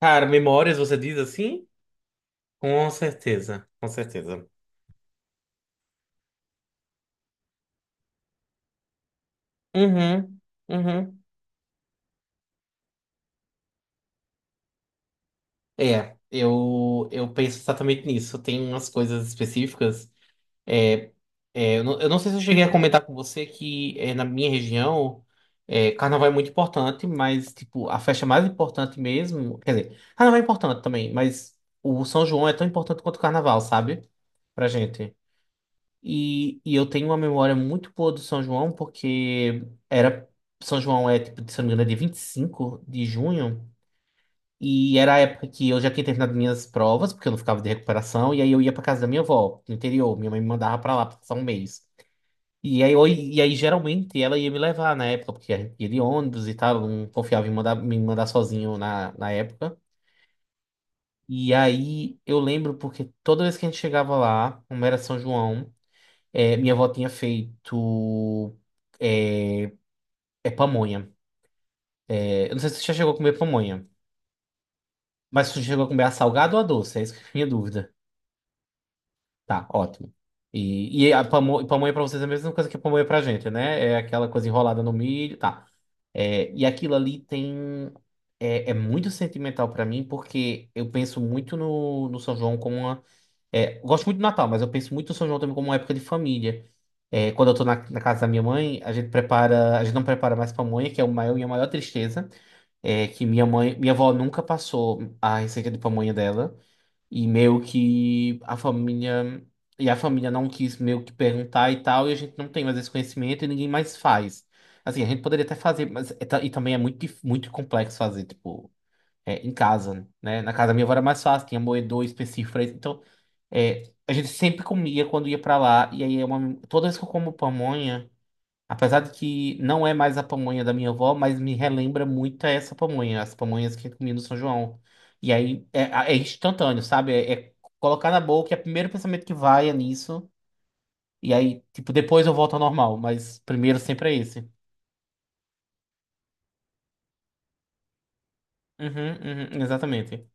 Cara, memórias, você diz assim? Com certeza, com certeza. Uhum, uhum. Eu penso exatamente nisso. Tem umas coisas específicas. É, eu não sei se eu cheguei a comentar com você que na minha região, carnaval é muito importante, mas tipo, a festa mais importante mesmo. Quer dizer, carnaval é importante também, mas o São João é tão importante quanto o carnaval, sabe? Pra gente. E eu tenho uma memória muito boa do São João, porque era. São João é, tipo, se eu não me engano, é dia 25 de junho. E era a época que eu já tinha terminado minhas provas, porque eu não ficava de recuperação. E aí eu ia pra casa da minha avó, no interior. Minha mãe me mandava pra lá passar um mês. E aí, geralmente ela ia me levar na época, porque a gente ia de ônibus e tal. Eu não confiava em me mandar sozinho na época. E aí eu lembro porque toda vez que a gente chegava lá, como era São João. Minha avó tinha feito é, pamonha. Eu não sei se você já chegou a comer pamonha, mas você chegou a comer a salgada ou a doce? É isso que é a minha dúvida. Tá, ótimo. E a pamonha pra vocês é a mesma coisa que a pamonha pra gente, né? É aquela coisa enrolada no milho, tá. E aquilo ali tem. É muito sentimental pra mim, porque eu penso muito no São João como uma eu gosto muito do Natal, mas eu penso muito no São João também como uma época de família. Quando eu tô na casa da minha mãe, a gente não prepara mais pamonha, que é minha maior tristeza. É que minha avó nunca passou a receita de pamonha dela. E meio que a família, e a família não quis meio que perguntar e tal, e a gente não tem mais esse conhecimento e ninguém mais faz. Assim, a gente poderia até fazer, mas e também é muito complexo fazer, tipo em casa, né? Na casa da minha avó era mais fácil, tinha moedor específico pra isso. Então, a gente sempre comia quando ia pra lá. E aí, toda vez que eu como pamonha, apesar de que não é mais a pamonha da minha avó, mas me relembra muito essa pamonha, as pamonhas que eu comia no São João. E aí, é instantâneo, sabe? É colocar na boca, é o primeiro pensamento que vai é nisso. E aí, tipo, depois eu volto ao normal, mas primeiro sempre é esse. Uhum, uhum, exatamente.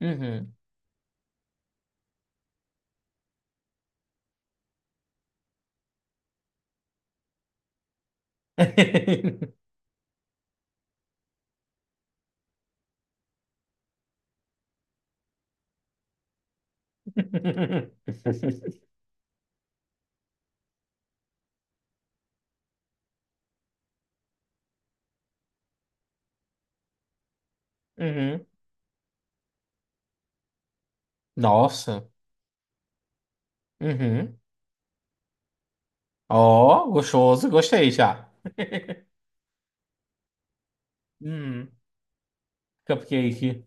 Uhum. Uhum. Nossa. Uhum. Ó, gostoso. Gostei já. Uhum. Cupcake.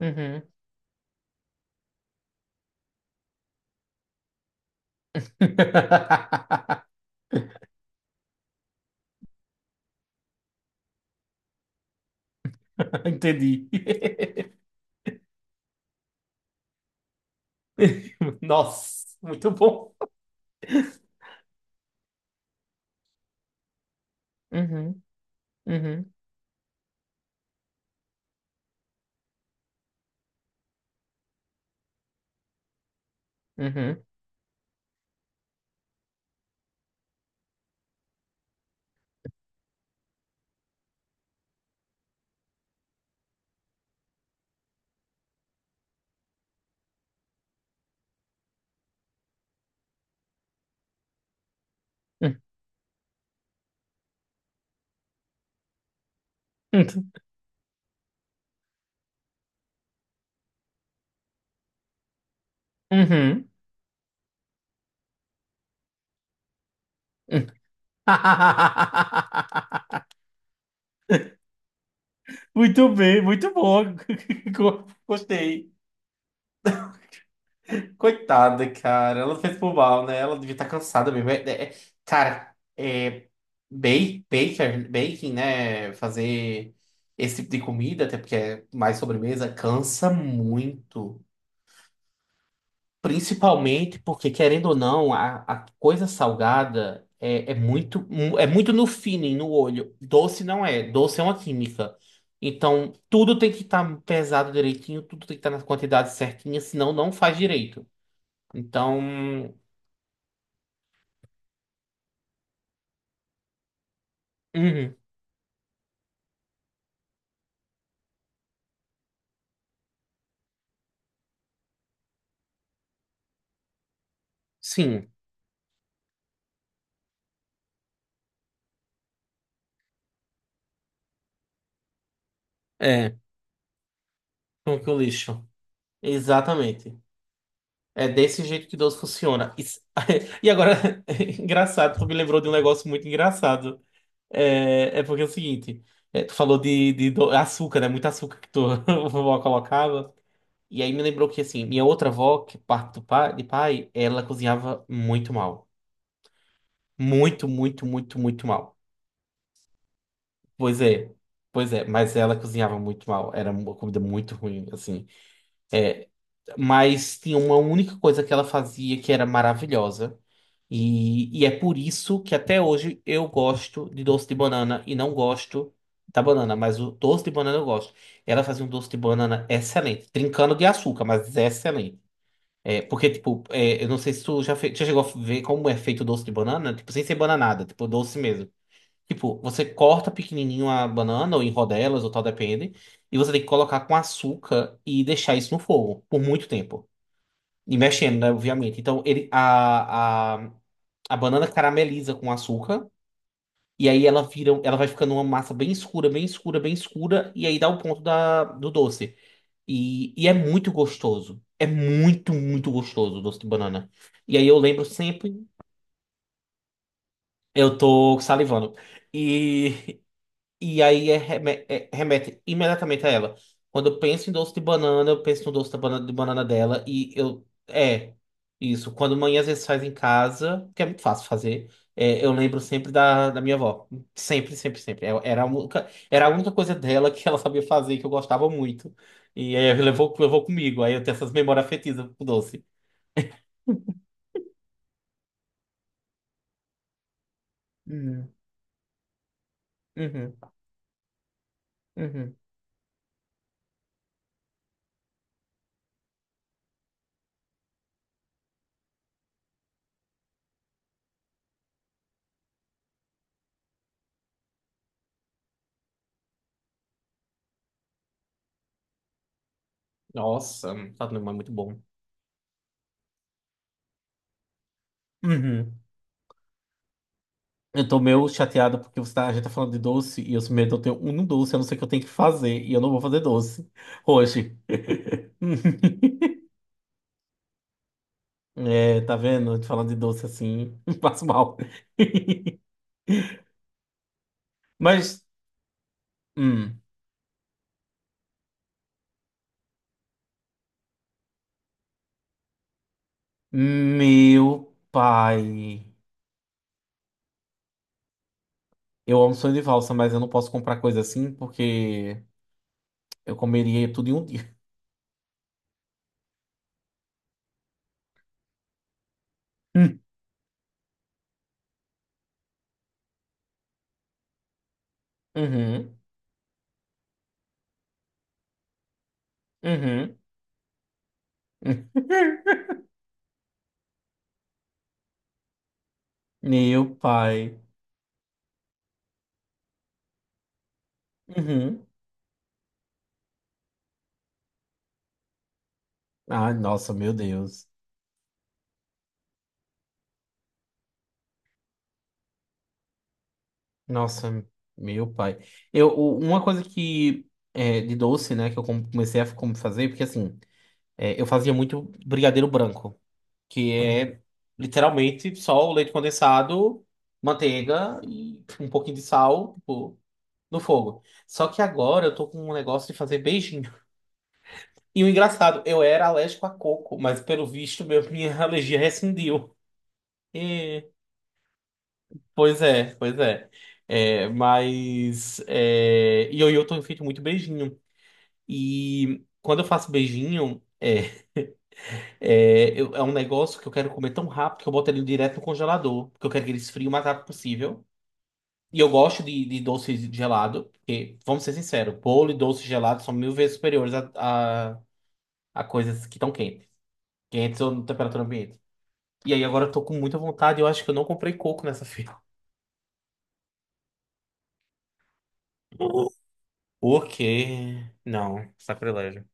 Uhum. Entendi. Nossa, muito bom. Uhum. Uhum. Uhum. Uhum. Uhum. Uhum. Muito bem, muito bom. Gostei. Coitada, cara. Ela fez por mal, né? Ela devia estar cansada mesmo. Cara, ba- baker, baking, né? Fazer esse tipo de comida, até porque é mais sobremesa, cansa muito. Principalmente porque, querendo ou não, a coisa salgada é muito no feeling, no olho. Doce não é. Doce é uma química. Então, tudo tem que estar pesado direitinho, tudo tem que estar nas quantidades certinhas, senão não faz direito. Então. Uhum. Sim, é. Como que o lixo. Exatamente. É desse jeito que Deus funciona. E agora, é engraçado, tu me lembrou de um negócio muito engraçado. É porque é o seguinte, tu falou de açúcar, né? Muito açúcar que tua vovó colocava. E aí me lembrou que, assim, minha outra avó, que é parte de pai, ela cozinhava muito mal. Muito, muito, muito, muito mal. Pois é, pois é. Mas ela cozinhava muito mal. Era uma comida muito ruim, assim. É, Mas tinha uma única coisa que ela fazia que era maravilhosa. E é por isso que até hoje eu gosto de doce de banana e não gosto da banana, mas o doce de banana eu gosto. Ela fazia um doce de banana excelente, trincando de açúcar, mas é excelente. Porque, tipo, eu não sei se tu já chegou a ver como é feito o doce de banana, tipo, sem ser bananada, tipo, doce mesmo. Tipo, você corta pequenininho a banana, ou em rodelas, ou tal, depende, e você tem que colocar com açúcar e deixar isso no fogo por muito tempo. E mexendo, né? Obviamente. Então, a banana carameliza com açúcar. E aí ela vai ficando uma massa bem escura, bem escura, bem escura. E aí dá o ponto do doce. E é muito gostoso. É muito, muito gostoso o doce de banana. E aí eu lembro sempre, eu tô salivando. E E aí é remete imediatamente a ela. Quando eu penso em doce de banana, eu penso no doce de banana dela. E eu. É, isso. Quando mãe às vezes faz em casa, que é muito fácil fazer, eu lembro sempre da minha avó. Sempre, sempre, sempre. Era a única coisa dela que ela sabia fazer, que eu gostava muito. E aí levou comigo. Aí eu tenho essas memórias afetivas com doce. Uhum, uhum, uhum. Nossa, tá é muito bom. Uhum. Eu tô meio chateado porque a gente tá falando de doce e eu sou medo de eu ter um doce, a não ser que eu tenho que fazer, e eu não vou fazer doce hoje. É, tá vendo? A gente falando de doce assim, passo mal. Mas, hum, meu pai, eu amo sonho de valsa, mas eu não posso comprar coisa assim porque eu comeria tudo em um dia. Uhum, uhum. Meu pai. Uhum. Ai, nossa, meu Deus. Nossa, meu pai. Uma coisa que de doce, né, que eu comecei a como fazer, porque assim, eu fazia muito brigadeiro branco, que é literalmente só o leite condensado, manteiga e um pouquinho de sal, tipo, no fogo. Só que agora eu tô com um negócio de fazer beijinho. E o engraçado, eu era alérgico a coco, mas pelo visto, minha alergia rescindiu. Pois é, pois é. E eu tenho feito muito beijinho. E quando eu faço beijinho, é um negócio que eu quero comer tão rápido que eu boto ele direto no congelador. Porque eu quero que ele esfrie o mais rápido possível. E eu gosto de doce gelado. Porque, vamos ser sinceros, bolo e doce gelado são 1.000 vezes superiores a, a coisas que estão quentes. Quentes ou na temperatura ambiente. E aí agora eu tô com muita vontade. Eu acho que eu não comprei coco nessa feira. O quê? Não, sacrilégio.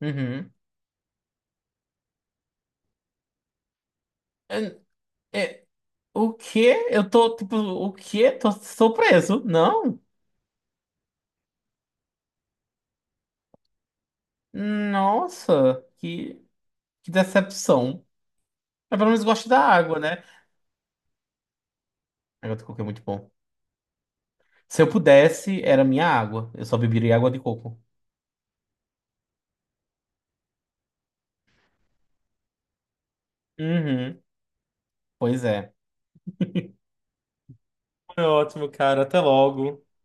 Uhum. É, é, o quê? Eu tô, tipo, o quê? Tô surpreso. Não? Nossa, que decepção. Mas pelo menos gosto da água, né? A água de coco é muito bom. Se eu pudesse, era minha água. Eu só beberia água de coco. Uhum. Pois é. Foi ótimo, cara. Até logo.